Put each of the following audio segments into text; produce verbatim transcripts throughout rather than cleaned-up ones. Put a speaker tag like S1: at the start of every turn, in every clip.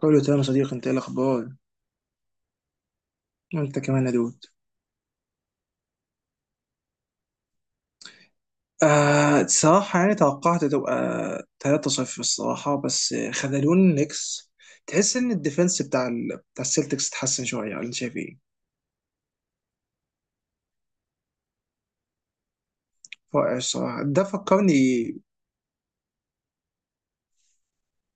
S1: كله تمام يا صديقي، انت ايه الاخبار؟ وانت كمان يا دود. آه، الصراحة يعني توقعت تبقى ثلاثة صفر الصراحة، بس خذلون النكس. تحس ان الديفenس بتاع ال... بتاع السلتكس اتحسن شوية، ولا انت شايف ايه؟ رائع الصراحة، ده فكرني.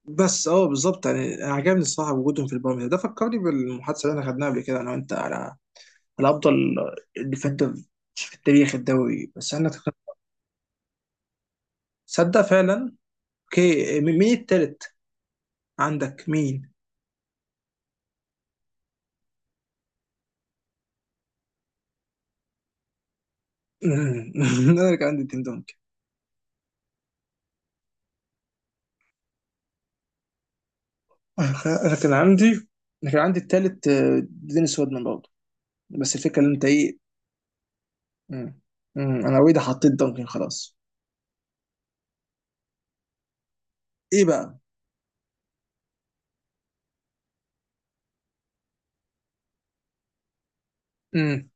S1: بس اه بالظبط، يعني انا عجبني الصراحة وجودهم في البارم، ده ده فكرني بالمحادثة اللي احنا خدناها قبل كده انا وانت على على افضل ديفندر في تاريخ الدوري، بس انا تصدق فعلا. اوكي، مين التالت؟ عندك مين؟ مم. انا كان عندي تيم دونك انا كان أنا كان عندي انا كان عندي التالت، آه، دينيس وودمان برضه. بس الفكره ان انت ايه. مم. مم. انا اوريدي حطيت دونكن خلاص. ايه بقى؟ مم.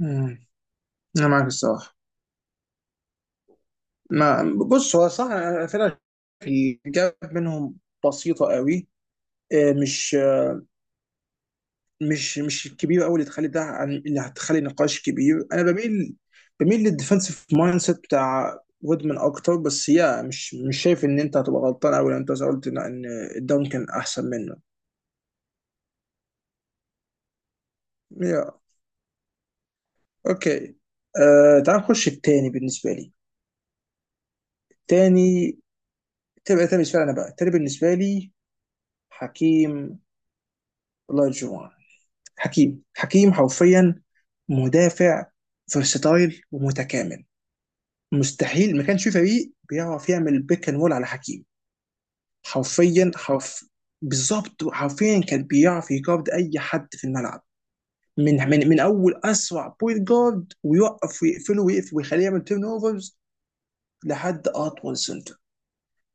S1: مم. انا معاك الصراحه. ما بص، هو صح أنا فعلا الجاب منهم بسيطه قوي. آه، مش مش مش الكبير قوي اللي تخلي ده عن اللي هتخلي نقاش كبير، انا بميل بميل للديفنسيف مايند سيت بتاع وودمان اكتر، بس يا مش مش شايف ان انت هتبقى غلطان قوي لو انت قلت ان إن الداون كان احسن منه. يا اوكي. آه، تعال نخش التاني بالنسبه لي. تاني تبقى تاني بالنسبه لي انا بقى تاني بالنسبه لي حكيم لاجوان. حكيم حكيم حرفيا مدافع فيرساتايل ومتكامل، مستحيل ما كانش في فريق بيعرف يعمل بيك اند رول على حكيم. حرفيا حرف. بالظبط، حرفيا كان بيعرف يجارد اي حد في الملعب، من من من اول اسرع بوينت جارد، ويوقف ويقفله ويقفل ويخليه يعمل تيرن اوفرز لحد اطول سنتر.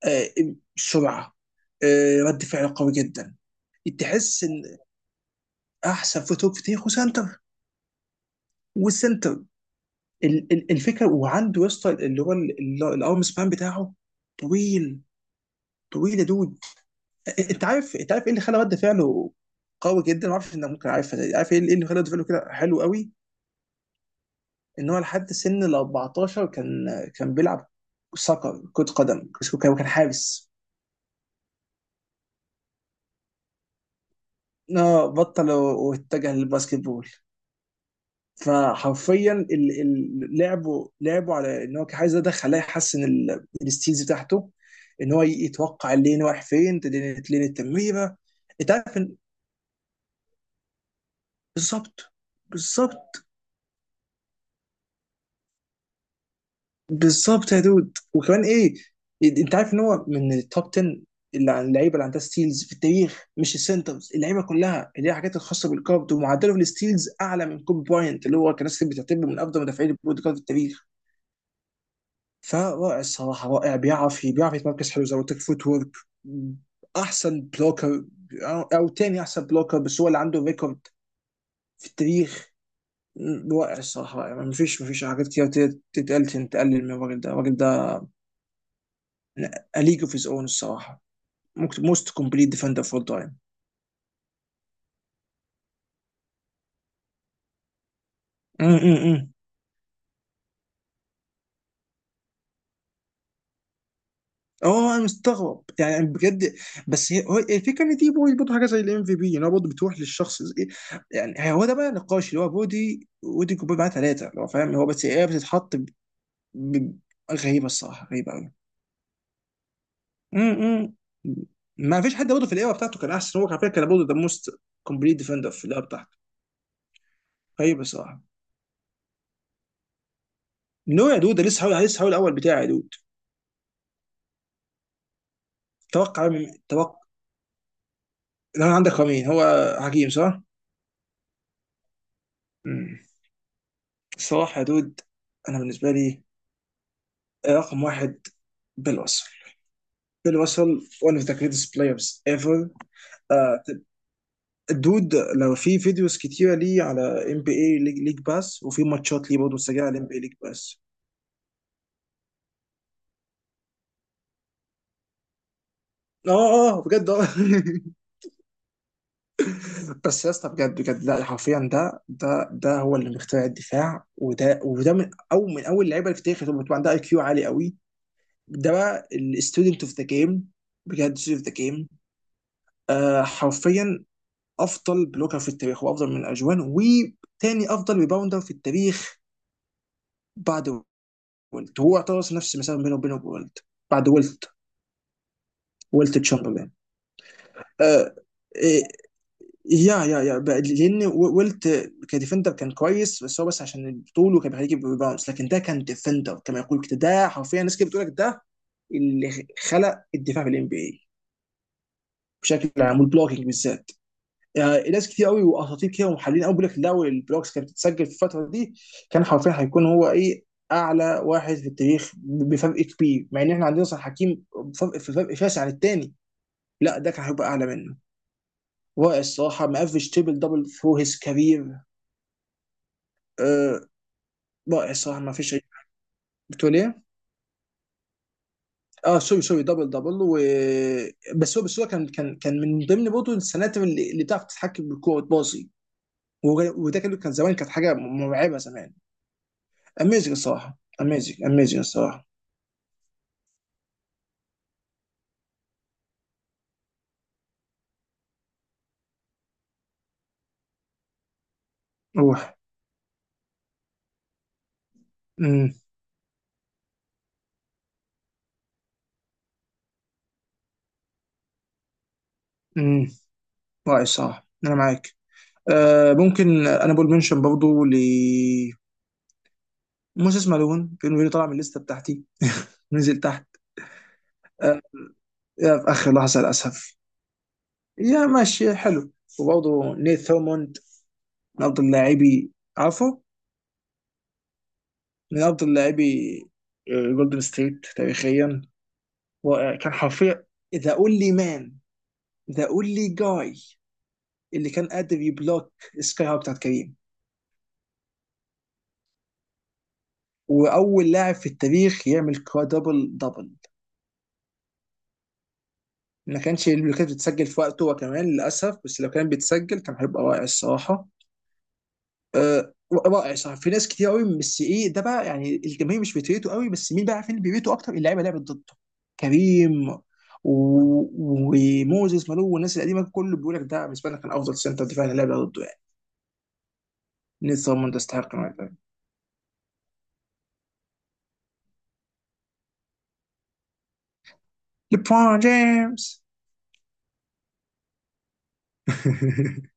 S1: آه سرعه، آه رد فعل قوي جدا. تحس ان احسن فوتوك في تاريخه سنتر، والسنتر ال- ال- الفكره. وعنده يا اسطى اللي هو ال- ال- الارم سبان بتاعه طويل، طويل يا دود. انت عارف انت عارف ايه اللي خلى رد فعله قوي جدا؟ ما اعرفش انك ممكن عارفها دي. عارف ايه اللي إيه اللي خلى رد فعله كده حلو قوي؟ ان هو لحد سن ال اربعتاشر كان كان بيلعب سoccer، كرة قدم. كان كان حارس. اه بطل و- واتجه للباسكت بول. فحرفيا ال- ال- لعبه لعبه على ان هو كان عايز، ده خلاه يحسن ال- الستيلز بتاعته، ان هو يتوقع اللين رايح فين، تدين- لين التمريره. انت عارف إن- بالظبط بالظبط بالظبط يا دود. وكمان ايه؟ انت عارف ان هو من التوب عشرة اللي عن اللعيبه اللي عندها ستيلز في التاريخ، مش السنترز، اللعيبه كلها اللي هي الحاجات الخاصه بالكارد، ومعدله في الستيلز اعلى من كوب براينت، اللي هو كان ناس كتير بتعتبره من افضل مدافعين البوينت جارد في التاريخ. فرائع الصراحه رائع. بيعرف بيعرف يتمركز حلو، زي ما قلت لك فوت ورك. احسن بلوكر او أو تاني احسن بلوكر، بس هو اللي عنده ريكورد في التاريخ. رائع الصراحه رائع. مفيش مفيش حاجات كتير تت- تتقال تقلل من الراجل ده. الراجل ده A League of His Own الصراحة، ممكن most complete defender of all time. أمم، أمم، أمم. اه انا مستغرب يعني بجد. بس هي هو- الفكره ان دي بودي برضه حاجه زي الام في بي، ان هو برضه بتروح للشخص زي- يعني هو ده بقى النقاش، اللي هو بودي ودي كوبي معاه ثلاثه اللي هو فاهم هو، بس هي بتتحط ب... ب... غريبه الصراحه، غريبه قوي. م- م. ما فيش حد برضه في الايرا بتاعته كان احسن. هو على فكره كان برضه ده موست كومبليت ديفندر في الايرا بتاعته. غريبه الصراحه. نو يا دود، ده لسه حاول لسه حاول الاول بتاعي يا دود. توقع من... توقع اللي انا عندك، هو مين هو؟ حكيم صح؟ مم. صلاح يا دود. انا بالنسبه لي إيه رقم واحد بالوصل. بالوصل one of the greatest players ever. آه، الدود لو في فيديوز كتيره ليه على ام بي اي ليج باس، وفي ماتشات ليه برضه مسجله على ام بي اي ليج باس. اه اه آه، بجد اه. بس يا اسطى بجد بجد، لا حرفيا. ده ده ده هو اللي مخترع الدفاع، وده وده من اول من اول اللعيبه اللي في التاريخ، اللي بتبقى عندها اي كيو عالي قوي. ده بقى الستودنت اوف ذا جيم. بجد، ستودنت اوف ذا جيم حرفيا. افضل بلوكر في التاريخ، وافضل من اجوان، وتاني افضل ريباوندر في التاريخ بعد ويلت. هو اعتبر نفس المسافه بينه وبينه ويلت. بعد ويلت، ويلت تشامبرلين. آه إيه، يا يا يا بقى- لان ويلت كديفندر كان كويس، بس هو بس عشان طوله كان بيخليه يجيب ريباوندز، لكن ده كان ديفندر كما يقول كده. ده حرفيا الناس كده بتقول لك ده اللي خلق الدفاع في الام بي اي بشكل عام، والبلوكينج بالذات. يعني ناس كتير قوي واساطير كده ومحللين قوي بيقول لك، لو البلوكس كانت بتتسجل في الفتره دي كان حرفيا هيكون هو ايه اعلى واحد في التاريخ بفرق كبير، مع ان احنا عندنا صلاح حكيم. فرق في فرق شاسع عن التاني. لا ده كان هيبقى اعلى منه. رائع الصراحه، مقفش تريبل دبل ثرو هيز كارير. آه، رائع الصراحه، ما فيش اي. بتقول ايه؟ اه سوري سوري، دبل دبل. و بس هو بس هو كان كان كان من ضمن برضه السناتر اللي, اللي بتعرف تتحكم بالكوره وتباصي، وده كان كان زمان كانت حاجه مرعبه زمان. اميزنج الصراحه، اميزنج اميزنج الصراحه. روح. امم امم رائع الصراحه، انا معاك. آه ممكن انا بقول منشن برضه ل موسى اسمالون، كان فيني طلع من الليسته بتاعتي، نزل تحت. آه يا في اخر لحظه للاسف. يا ماشي حلو. وبرضه نيث ثورموند، من افضل لاعبي، عفوا، من افضل لاعبي جولدن ستيت تاريخيا. رائع كان حرفيا، ذا اونلي مان، ذا اونلي جاي اللي كان قادر يبلوك سكاي هوك بتاعت كريم، واول لاعب في التاريخ يعمل كوادربل دبل. ما كانش اللي كانت بتسجل في وقته هو كمان للاسف، بس لو كان بيتسجل كان هيبقى رائع الصراحه. أه رائع صراحه، في ناس كتير قوي، بس ايه ده بقى يعني الجماهير مش بتريته قوي، بس مين بقى عارفين اللي بيريته اكتر؟ اللعيبه اللي لعبت ضده، كريم و- وموزيس مالو والناس القديمه، كله بيقول لك ده بالنسبه لنا كان افضل سنتر دفاع اللي لعب ضده يعني. نيث رومان ده يستحق إنه يلعب. ليبرون جيمس.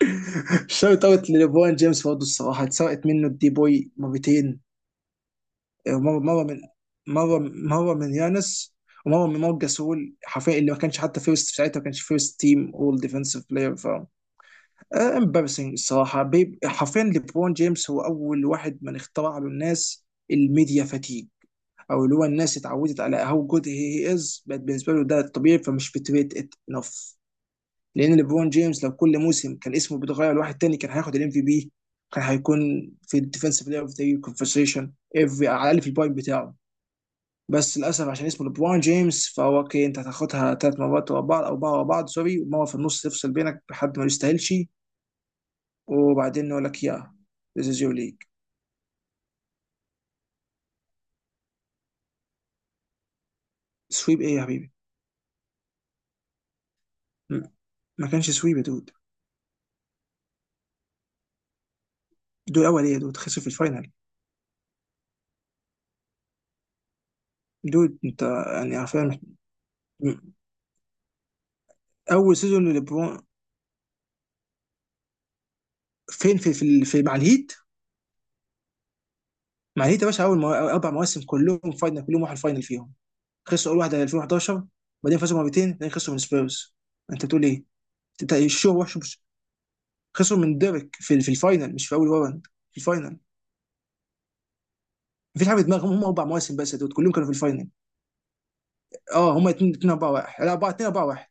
S1: شوت اوت لليبرون جيمس برضه الصراحه، اتسرقت منه الدي بوي مرتين. مره مره من مره مره من يانس، ومره من مارك جاسول حرفيا، اللي ما كانش حتى فيرست في ساعتها، ما كانش فيرست تيم اول ديفنسيف بلاير. ف امبارسنج الصراحه بيب. حرفيا ليبرون جيمس هو اول واحد من اخترع له الناس الميديا فاتيج، او اللي هو الناس اتعودت على هاو جود هي از، بقت بالنسبه له ده الطبيعي، فمش بتريت ات انف. لان ليبرون جيمس لو كل موسم كان اسمه بيتغير لواحد تاني كان هياخد الام في بي. كان هيكون في الديفنسيف بلاير اوف ذا يير كونفرسيشن افري، على الاقل في البوينت بتاعه. بس للاسف عشان اسمه ليبرون جيمس، فهو اوكي انت هتاخدها ثلاث مرات ورا بعض او اربعه ورا بعض، سوري، ومره في النص تفصل بينك بحد ما يستاهلش. وبعدين يقول لك يا ذيس از يور ليج. سويب ايه يا حبيبي؟ م- ما كانش سويب يا دود. دول اول ايه يا دود؟ خسر في الفاينل. دود انت يعني عارفين اول سيزون لليبرون، فين في في, في مع الهيت. ما هي يا باشا، اول مو... أول اربع مواسم كلهم فاينل، كلهم راحوا الفاينل فيهم. خسروا اول واحده الفين وحداشر، بعدين فازوا مرتين، بعدين خسروا من سبيرز. انت بتقول ايه؟ انت الشو وحش مش- خسروا من ديريك في ال- في الفاينل مش في اول راوند. في الفاينل. مفيش حاجه في دماغهم. هم اربع مواسم بس دول كلهم كانوا في الفاينل. اه هم اتنين اتنين اربعه واحد، لا اربعه اتنين اربعه واحد.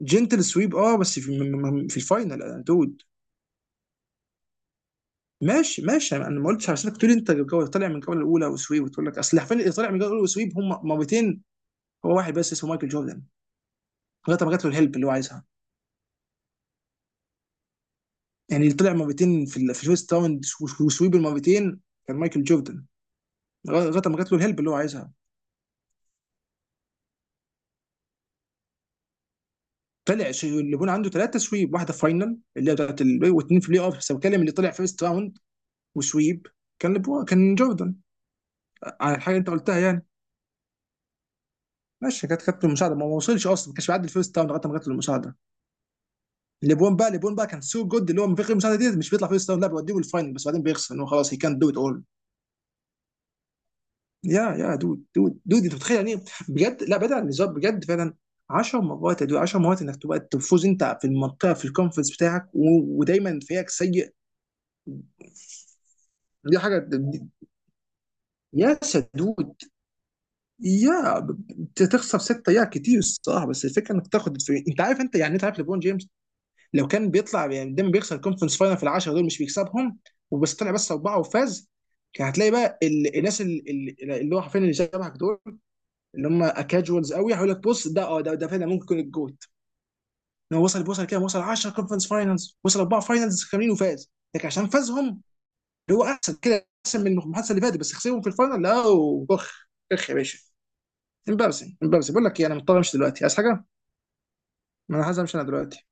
S1: جنتل سويب، اه بس في, م- م- م- في الفاينل آه، دود. ماشي ماشي انا أنا ما قلتش عشان تقول انت جو- طالع من الجوله الاولى وسويب، وتقول لك اصل حرفيا اللي طالع من الجوله الاولى وسويب هم مرتين. هو واحد بس اسمه مايكل جوردن، لغايه ما جات له الهيلب اللي هو عايزها. يعني طلع مرتين في ال- في الفيرست راوند وسويب المرتين كان مايكل جوردن، لغايه ما جات له الهيلب اللي هو عايزها. طلع ش- ليبرون عنده ثلاثه سويب، واحده فاينل اللي هي بتاعت ال- واثنين في بلاي اوف، بس بتكلم اللي طلع فيرست راوند وسويب كان ليبرون كان جوردن على الحاجه اللي انت قلتها يعني. ماشي، كانت كانت المساعده ما ما وصلش اصلا، ما كانش بيعدي الفيرست راوند لغايه ما جات له المساعده. ليبرون بقى ليبرون بقى كان سو جود، اللي هو من غير المساعده دي مش بيطلع فيرست راوند، لا بيوديه الفاينل، بس بعدين بيخسر ان هو خلاص، هي كان دو ات اول. يا يا دود دود دود انت متخيل يعني إيه؟ بجد لا، بعيد عن الهزار بجد فعلا. 10 مرات يا دود، 10 مرات انك تبقى تفوز انت في المنطقه في الكونفرنس بتاعك، و- ودايما فريقك سيء. دي حاجه دي- يا سدود يا ب- ب- تخسر سته، يا كتير الصراحه، بس الفكره انك تاخد الفريق. انت عارف انت يعني انت عارف ليبرون جيمس لو كان بيطلع يعني دايما بيخسر الكونفرنس فاينل في العشره دول مش بيكسبهم، وبس طلع بس اربعه وفاز. كان هتلاقي بقى ال- الناس ال- ال- اللي هو حرفيا اللي شبهك دول، اللي هم كاجوالز قوي، هيقول لك بص، ده اه ده ده فعلا ممكن يكون الجوت، ان هو وصل وصل كده، وصل عشر كونفرنس فاينلز، وصل اربعه فاينلز كاملين وفاز، لكن عشان فازهم اللي هو احسن كده احسن من المحادثه اللي فاتت، بس خسرهم في الفاينل، لا. اخ، اخ يا باشا، امبارسنج امبارسنج. بقول لك ايه، انا مضطر امشي دلوقتي، عايز حاجه؟ ما انا عايز امشي انا دلوقتي.